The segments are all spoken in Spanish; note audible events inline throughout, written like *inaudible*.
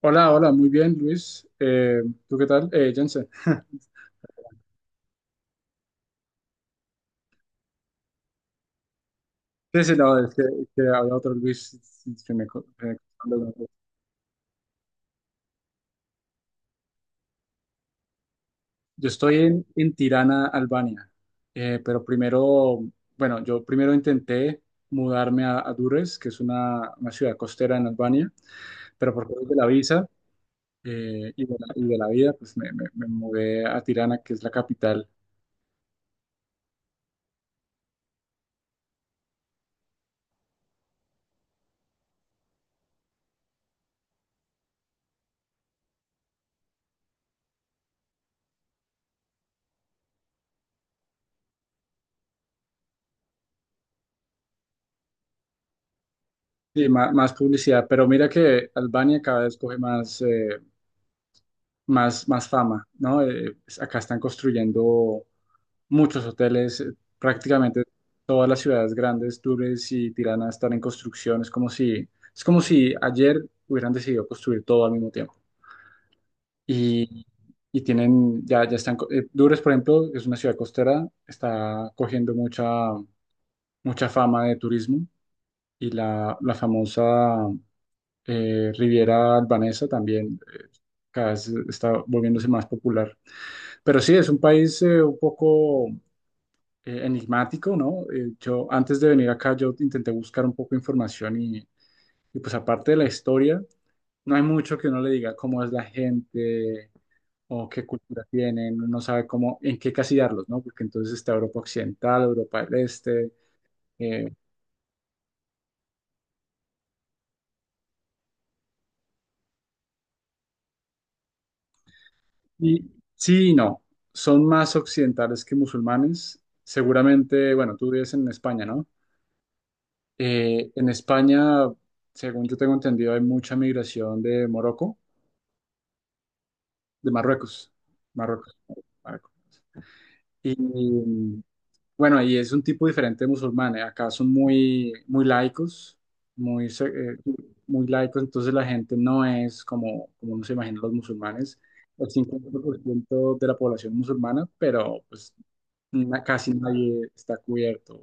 Hola, hola, muy bien, Luis. ¿Tú qué tal? Jensen. *laughs* Sí, sí, no, es que había otro Luis que que me contó. Yo estoy en Tirana, Albania. Pero primero, bueno, yo primero intenté mudarme a Durres, que es una ciudad costera en Albania, pero por causa de la visa, y de la vida, pues me mudé a Tirana, que es la capital. Sí, más publicidad, pero mira que Albania cada vez coge más fama, ¿no? Acá están construyendo muchos hoteles, prácticamente todas las ciudades grandes, Túnez y Tirana están en construcción. Es como si ayer hubieran decidido construir todo al mismo tiempo. Y, y tienen, ya, ya están, Durres, por ejemplo, que es una ciudad costera, está cogiendo mucha fama de turismo y la famosa Riviera Albanesa también, cada vez está volviéndose más popular. Pero sí, es un país, un poco enigmático, ¿no? Yo antes de venir acá, yo intenté buscar un poco de información y pues aparte de la historia, no hay mucho que uno le diga cómo es la gente o qué cultura tienen, uno sabe cómo, en qué casillarlos, ¿no? Porque entonces está Europa Occidental, Europa del Este, eh, y sí y no, son más occidentales que musulmanes. Seguramente, bueno, tú vives en España, ¿no? En España, según yo tengo entendido, hay mucha migración de Morocco, de Marruecos, Marruecos, Marruecos. Y mm, bueno, ahí es un tipo diferente de musulmanes. Acá son muy, muy laicos, muy, se- eh, muy laicos, entonces la gente no es como uno se imagina los musulmanes. El 50% de la población musulmana, pero pues casi nadie está cubierto.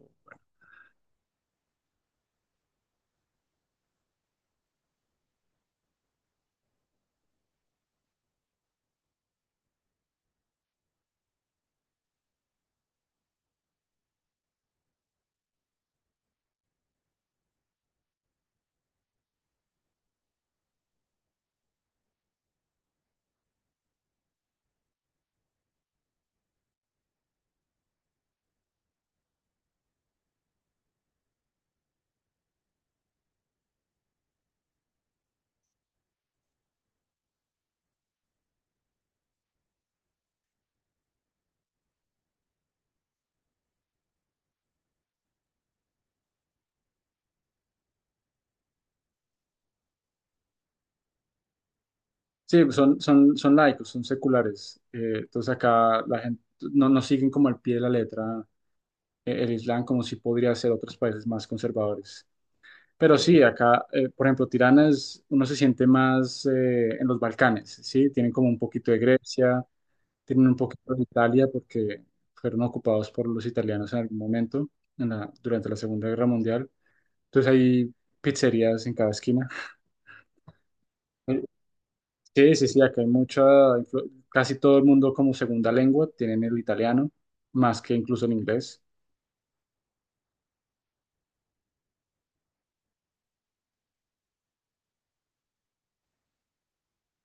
Sí, son laicos, son seculares. Entonces acá la gente no siguen como al pie de la letra, el Islam como si podría ser otros países más conservadores. Pero sí, acá, por ejemplo, Tirana es, uno se siente más en los Balcanes, ¿sí? Tienen como un poquito de Grecia, tienen un poquito de Italia porque fueron ocupados por los italianos en algún momento durante la Segunda Guerra Mundial. Entonces hay pizzerías en cada esquina. Sí, sí, sí, acá hay casi todo el mundo como segunda lengua tienen el italiano, más que incluso el inglés.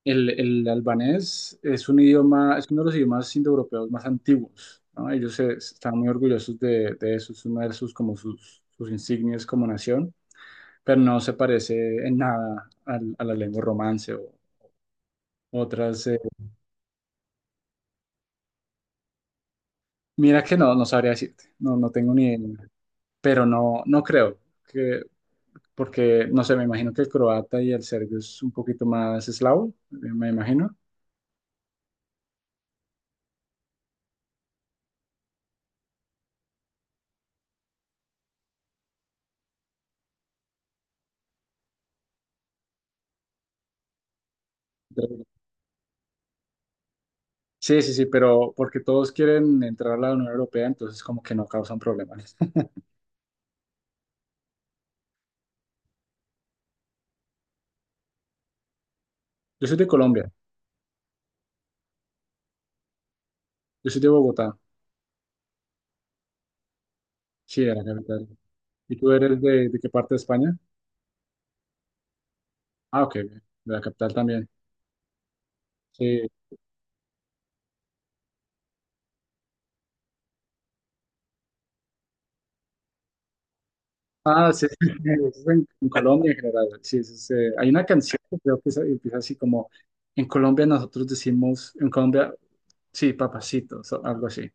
El albanés es un idioma, es uno de los idiomas indoeuropeos más antiguos, ¿no? Ellos están muy orgullosos de eso, es uno de sus, como sus insignias como nación, pero no se parece en nada a la lengua romance o otras. Mira que no, no sabría decirte, no, no tengo ni idea, pero no, no creo. Porque no sé, me imagino que el croata y el serbio es un poquito más eslavo, me imagino. Entonces, sí, sí, sí, pero porque todos quieren entrar a la Unión Europea, entonces como que no causan problemas. *laughs* Yo soy de Colombia, yo soy de Bogotá, sí, de la capital. ¿Y tú eres de qué parte de España? Ah, ok, de la capital también. Sí. Ah, sí, *laughs* sí, sí, es en Colombia en general. Sí, sí, sí. Hay una canción que creo que empieza así como, en Colombia nosotros decimos, en Colombia, sí, papacito, algo así.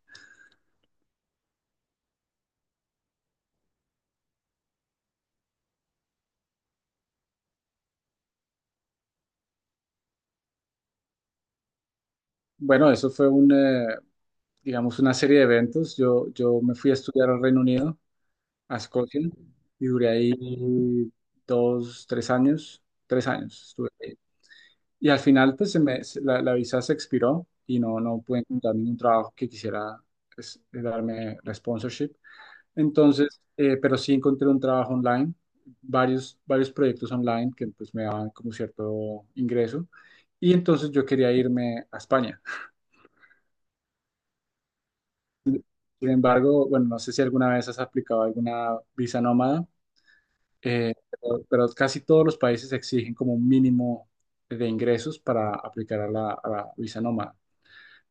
Bueno, eso fue un, digamos, una serie de eventos. Yo me fui a estudiar al Reino Unido, a Escocia, y duré ahí 2, 3 años, 3 años estuve ahí. Y al final, pues, se me, se- la visa se expiró y no pude encontrar ningún trabajo que quisiera pues, darme la sponsorship. Entonces, pero sí encontré un trabajo online, varios proyectos online que pues me daban como cierto ingreso. Y entonces yo quería irme a España. Sin embargo, bueno, no sé si alguna vez has aplicado alguna visa nómada, pero casi todos los países exigen como un mínimo de ingresos para aplicar a la visa nómada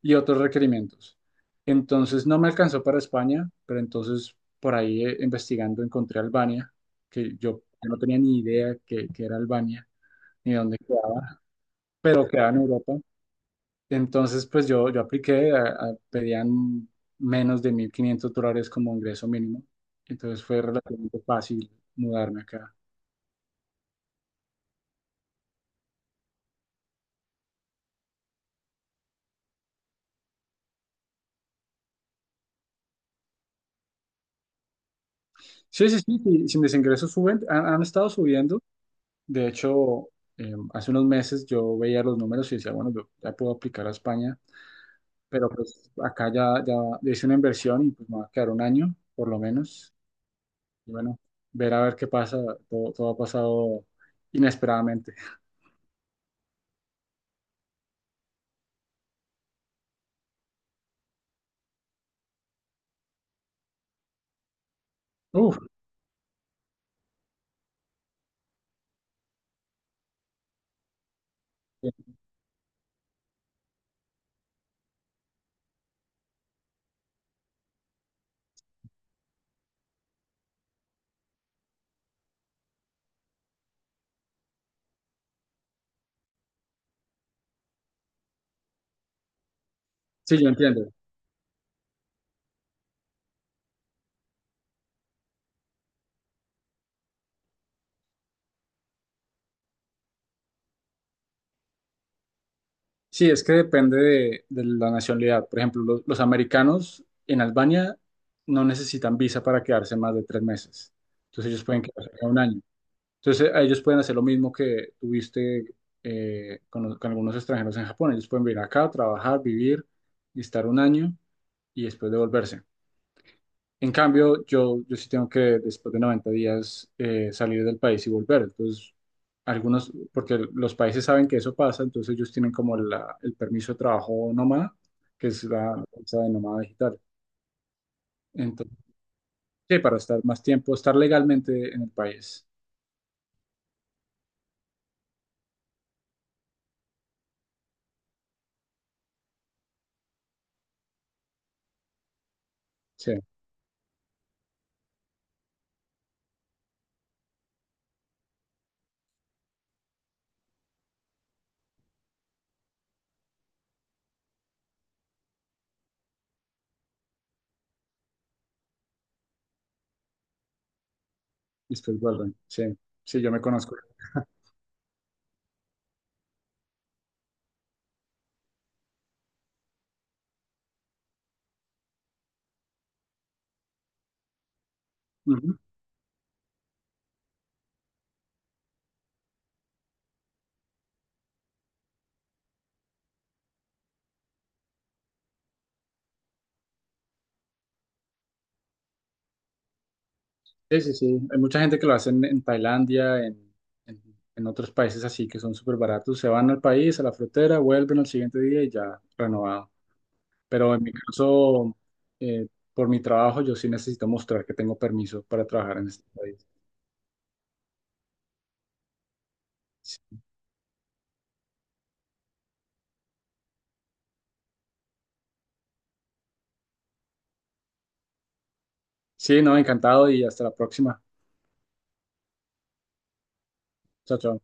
y otros requerimientos. Entonces, no me alcanzó para España, pero entonces por ahí, investigando encontré Albania, que yo no tenía ni idea que era Albania ni dónde quedaba, pero quedaba en Europa. Entonces, pues yo apliqué, pedían menos de $1,500 como ingreso mínimo. Entonces fue relativamente fácil mudarme acá. Sí, sí, sí, sí, sí, mis ingresos suben, han estado subiendo. De hecho, hace unos meses yo veía los números y decía, bueno, yo ya puedo aplicar a España, pero pues acá ya hice una inversión y pues me va a quedar un año, por lo menos. Y bueno, ver a ver qué pasa, todo ha pasado inesperadamente. Uf, sí, yo entiendo. Sí, es que depende de la nacionalidad. Por ejemplo, los americanos en Albania no necesitan visa para quedarse más de 3 meses. Entonces ellos pueden quedarse acá un año. Entonces a ellos pueden hacer lo mismo que tuviste, con algunos extranjeros en Japón. Ellos pueden venir acá, trabajar, vivir y estar un año y después devolverse. En cambio, yo sí tengo que, después de 90 días, salir del país y volver. Entonces, algunos, porque los países saben que eso pasa, entonces ellos tienen como el permiso de trabajo nómada, que es la cosa de nómada digital. Entonces, sí, para estar más tiempo, estar legalmente en el país. Sí, y después vuelven. Sí, sí, yo me conozco. Ujú. Sí, sí, sí. Hay mucha gente que lo hace en Tailandia, en, en otros países así que son súper baratos. Se van al país, a la frontera, vuelven al siguiente día y ya renovado. Pero en mi caso, eh, por mi trabajo, yo sí necesito mostrar que tengo permiso para trabajar en este país. Sí, no, encantado y hasta la próxima. Chao, chao.